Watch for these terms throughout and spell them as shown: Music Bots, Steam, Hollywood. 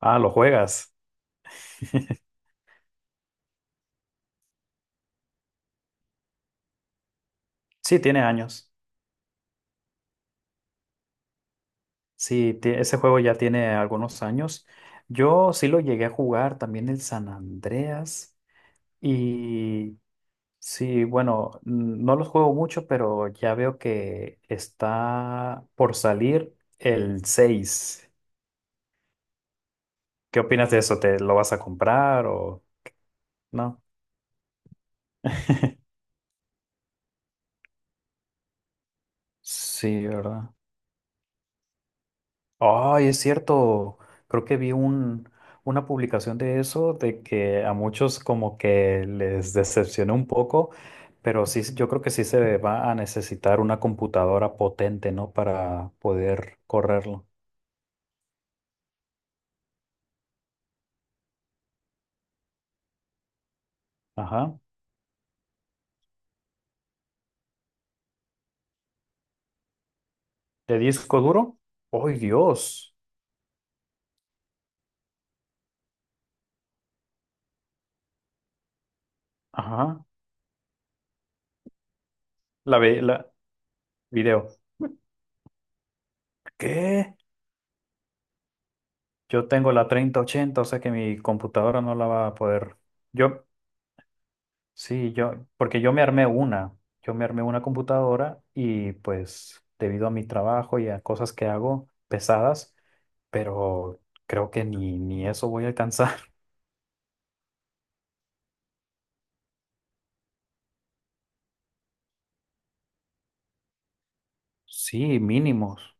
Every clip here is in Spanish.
Ah, lo juegas. Sí, tiene años. Ese juego ya tiene algunos años. Yo sí lo llegué a jugar, también el San Andreas. Y sí, bueno, no los juego mucho, pero ya veo que está por salir el 6. ¿Qué opinas de eso? ¿Te lo vas a comprar o no? Sí, ¿verdad? Ay, es cierto. Creo que una publicación de eso, de que a muchos como que les decepcionó un poco, pero sí, yo creo que sí se va a necesitar una computadora potente, ¿no? Para poder correrlo. Ajá. ¿De disco duro? ¡Ay, Dios! Ajá. La video. ¿Qué? Yo tengo la treinta ochenta, o sea que mi computadora no la va a poder. Yo, Sí, porque yo me armé una computadora y pues debido a mi trabajo y a cosas que hago pesadas, pero creo que ni eso voy a alcanzar. Sí, mínimos.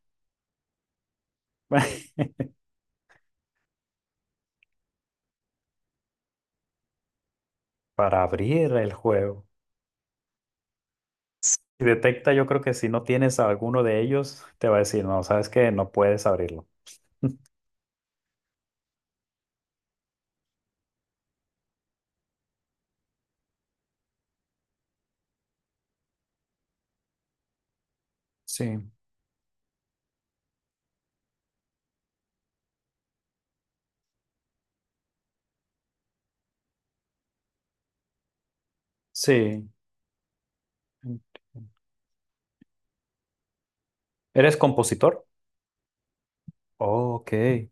Para abrir el juego. Y detecta, yo creo que si no tienes alguno de ellos, te va a decir, no, sabes que no puedes abrirlo. Sí, sí. ¿Eres compositor? Oh, ok.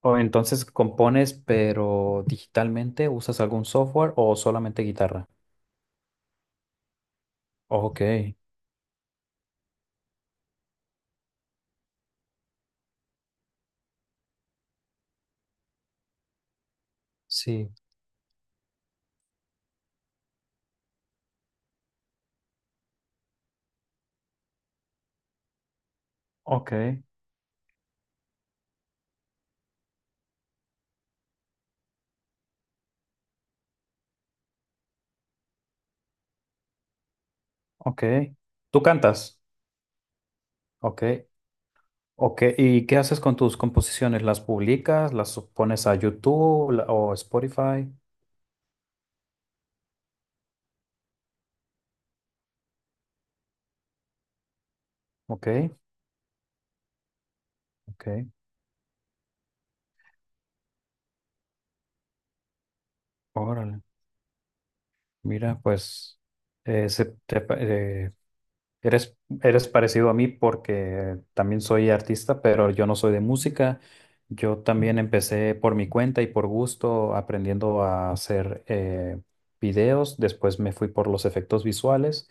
O entonces compones, pero digitalmente, ¿usas algún software o solamente guitarra? Ok, sí, ok, ok. ¿Tú cantas? Ok, ok. ¿Y qué haces con tus composiciones? ¿Las publicas? ¿Las pones a YouTube o Spotify? Ok, ok. Órale. Mira, pues eh, se, Eres, eres parecido a mí porque también soy artista, pero yo no soy de música. Yo también empecé por mi cuenta y por gusto aprendiendo a hacer videos. Después me fui por los efectos visuales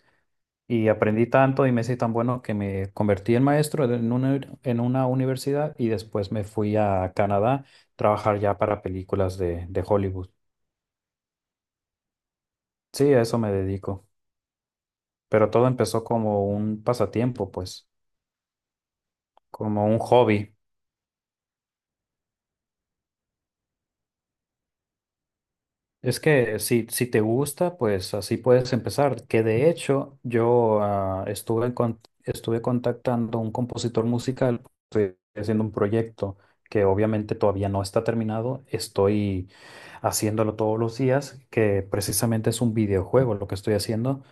y aprendí tanto y me hice tan bueno que me convertí en maestro en una universidad y después me fui a Canadá a trabajar ya para películas de Hollywood. Sí, a eso me dedico. Pero todo empezó como un pasatiempo, pues, como un hobby. Es que si te gusta, pues así puedes empezar. Que de hecho yo estuve contactando a un compositor musical, estoy haciendo un proyecto que obviamente todavía no está terminado, estoy haciéndolo todos los días, que precisamente es un videojuego lo que estoy haciendo,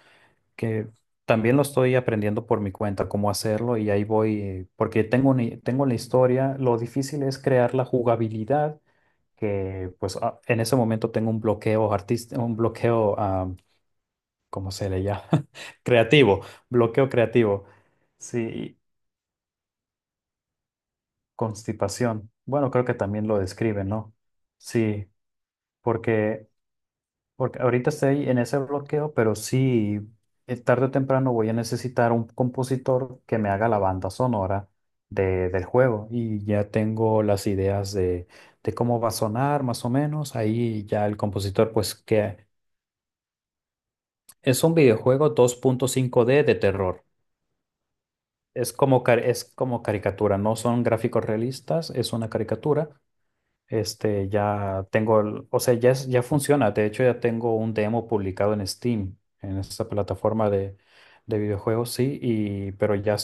que también lo estoy aprendiendo por mi cuenta cómo hacerlo y ahí voy, porque tengo la historia, lo difícil es crear la jugabilidad que pues en ese momento tengo un bloqueo artístico, ¿cómo se le llama? Creativo, bloqueo creativo. Sí, constipación. Bueno, creo que también lo describe, ¿no? Sí, porque, porque ahorita estoy en ese bloqueo, pero sí, tarde o temprano voy a necesitar un compositor que me haga la banda sonora de, del juego y ya tengo las ideas de cómo va a sonar más o menos. Ahí ya el compositor pues que... Es un videojuego 2.5D de terror. Es como caricatura, no son gráficos realistas, es una caricatura. Este, ya tengo, el- o sea, ya, es- ya funciona. De hecho, ya tengo un demo publicado en Steam, en esta plataforma de videojuegos, sí, y, pero ya...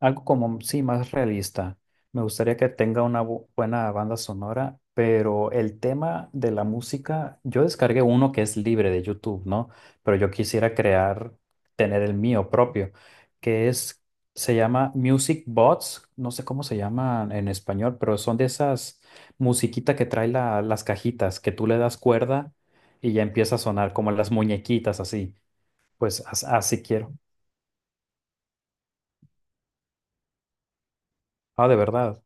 Algo como, sí, más realista. Me gustaría que tenga una buena banda sonora, pero el tema de la música, yo descargué uno que es libre de YouTube, ¿no? Pero yo quisiera crear, tener el mío propio, que es, se llama Music Bots, no sé cómo se llaman en español, pero son de esas musiquita que las cajitas, que tú le das cuerda y ya empieza a sonar como las muñequitas así. Así quiero. Ah, de verdad.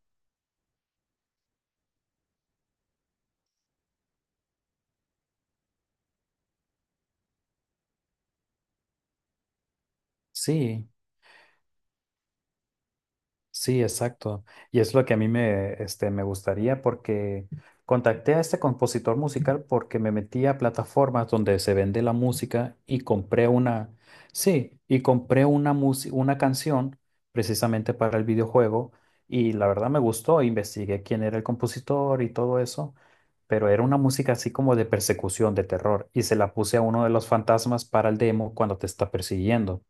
Sí. Sí, exacto. Y es lo que a mí me, este, me gustaría porque contacté a este compositor musical porque me metí a plataformas donde se vende la música y sí, y compré una música, una canción precisamente para el videojuego y la verdad me gustó, investigué quién era el compositor y todo eso, pero era una música así como de persecución, de terror y se la puse a uno de los fantasmas para el demo cuando te está persiguiendo.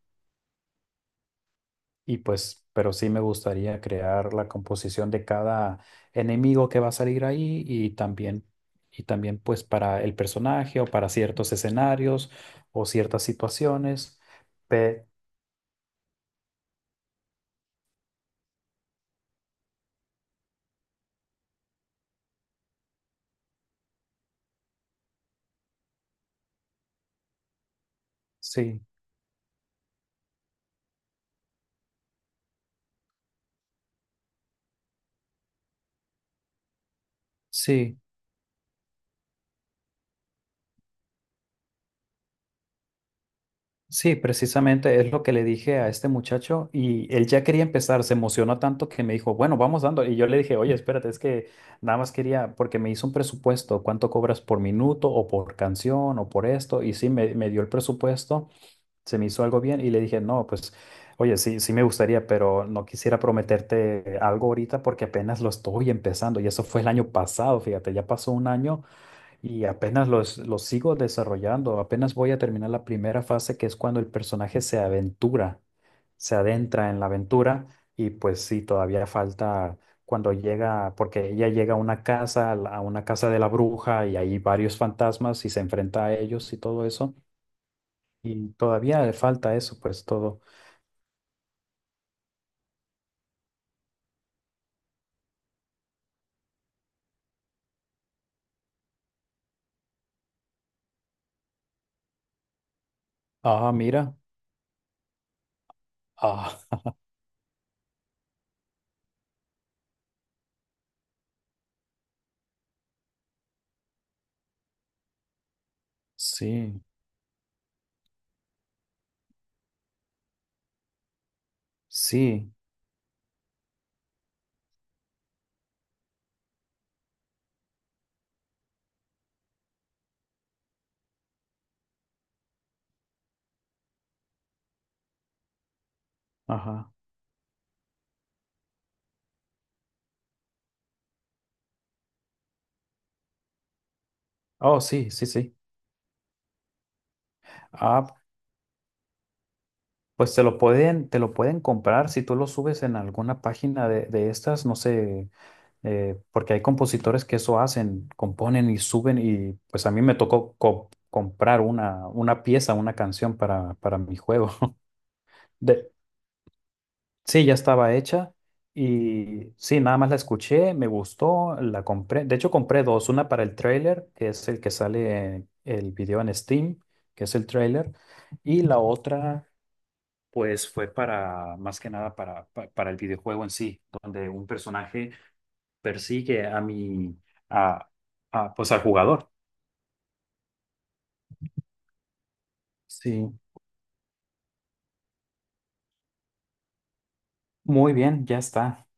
Y pues, pero sí me gustaría crear la composición de cada enemigo que va a salir ahí y también pues para el personaje o para ciertos escenarios o ciertas situaciones. Pe- sí, sí, sí, precisamente es lo que le dije a este muchacho y él ya quería empezar, se emocionó tanto que me dijo, bueno, vamos dando. Y yo le dije, oye, espérate, es que nada más quería, porque me hizo un presupuesto, cuánto cobras por minuto o por canción o por esto, y sí, me dio el presupuesto. Se me hizo algo bien y le dije, no, pues, oye, sí, sí me gustaría, pero no quisiera prometerte algo ahorita porque apenas lo estoy empezando y eso fue el año pasado, fíjate, ya pasó un año y apenas los sigo desarrollando, apenas voy a terminar la primera fase que es cuando el personaje se aventura, se adentra en la aventura y pues sí, todavía falta... Cuando llega, porque ella llega a una casa, a una casa de la bruja y hay varios fantasmas y se enfrenta a ellos y todo eso. Y todavía le falta eso, pues todo. Ah, mira. Ah, sí, sí, ajá. Oh, sí, sí, sí. Ah, pues te lo pueden comprar si tú lo subes en alguna página de estas, no sé, porque hay compositores que eso hacen, componen y suben y pues a mí me tocó comprar una pieza, una canción para mi juego. De, sí, ya estaba hecha y sí, nada más la escuché, me gustó, la compré. De hecho, compré dos, una para el trailer, que es el que sale en el video en Steam, que es el trailer, y la otra, pues fue para, más que nada, para el videojuego en sí, donde un personaje persigue a mi, a, a, pues al jugador. Sí, muy bien, ya está.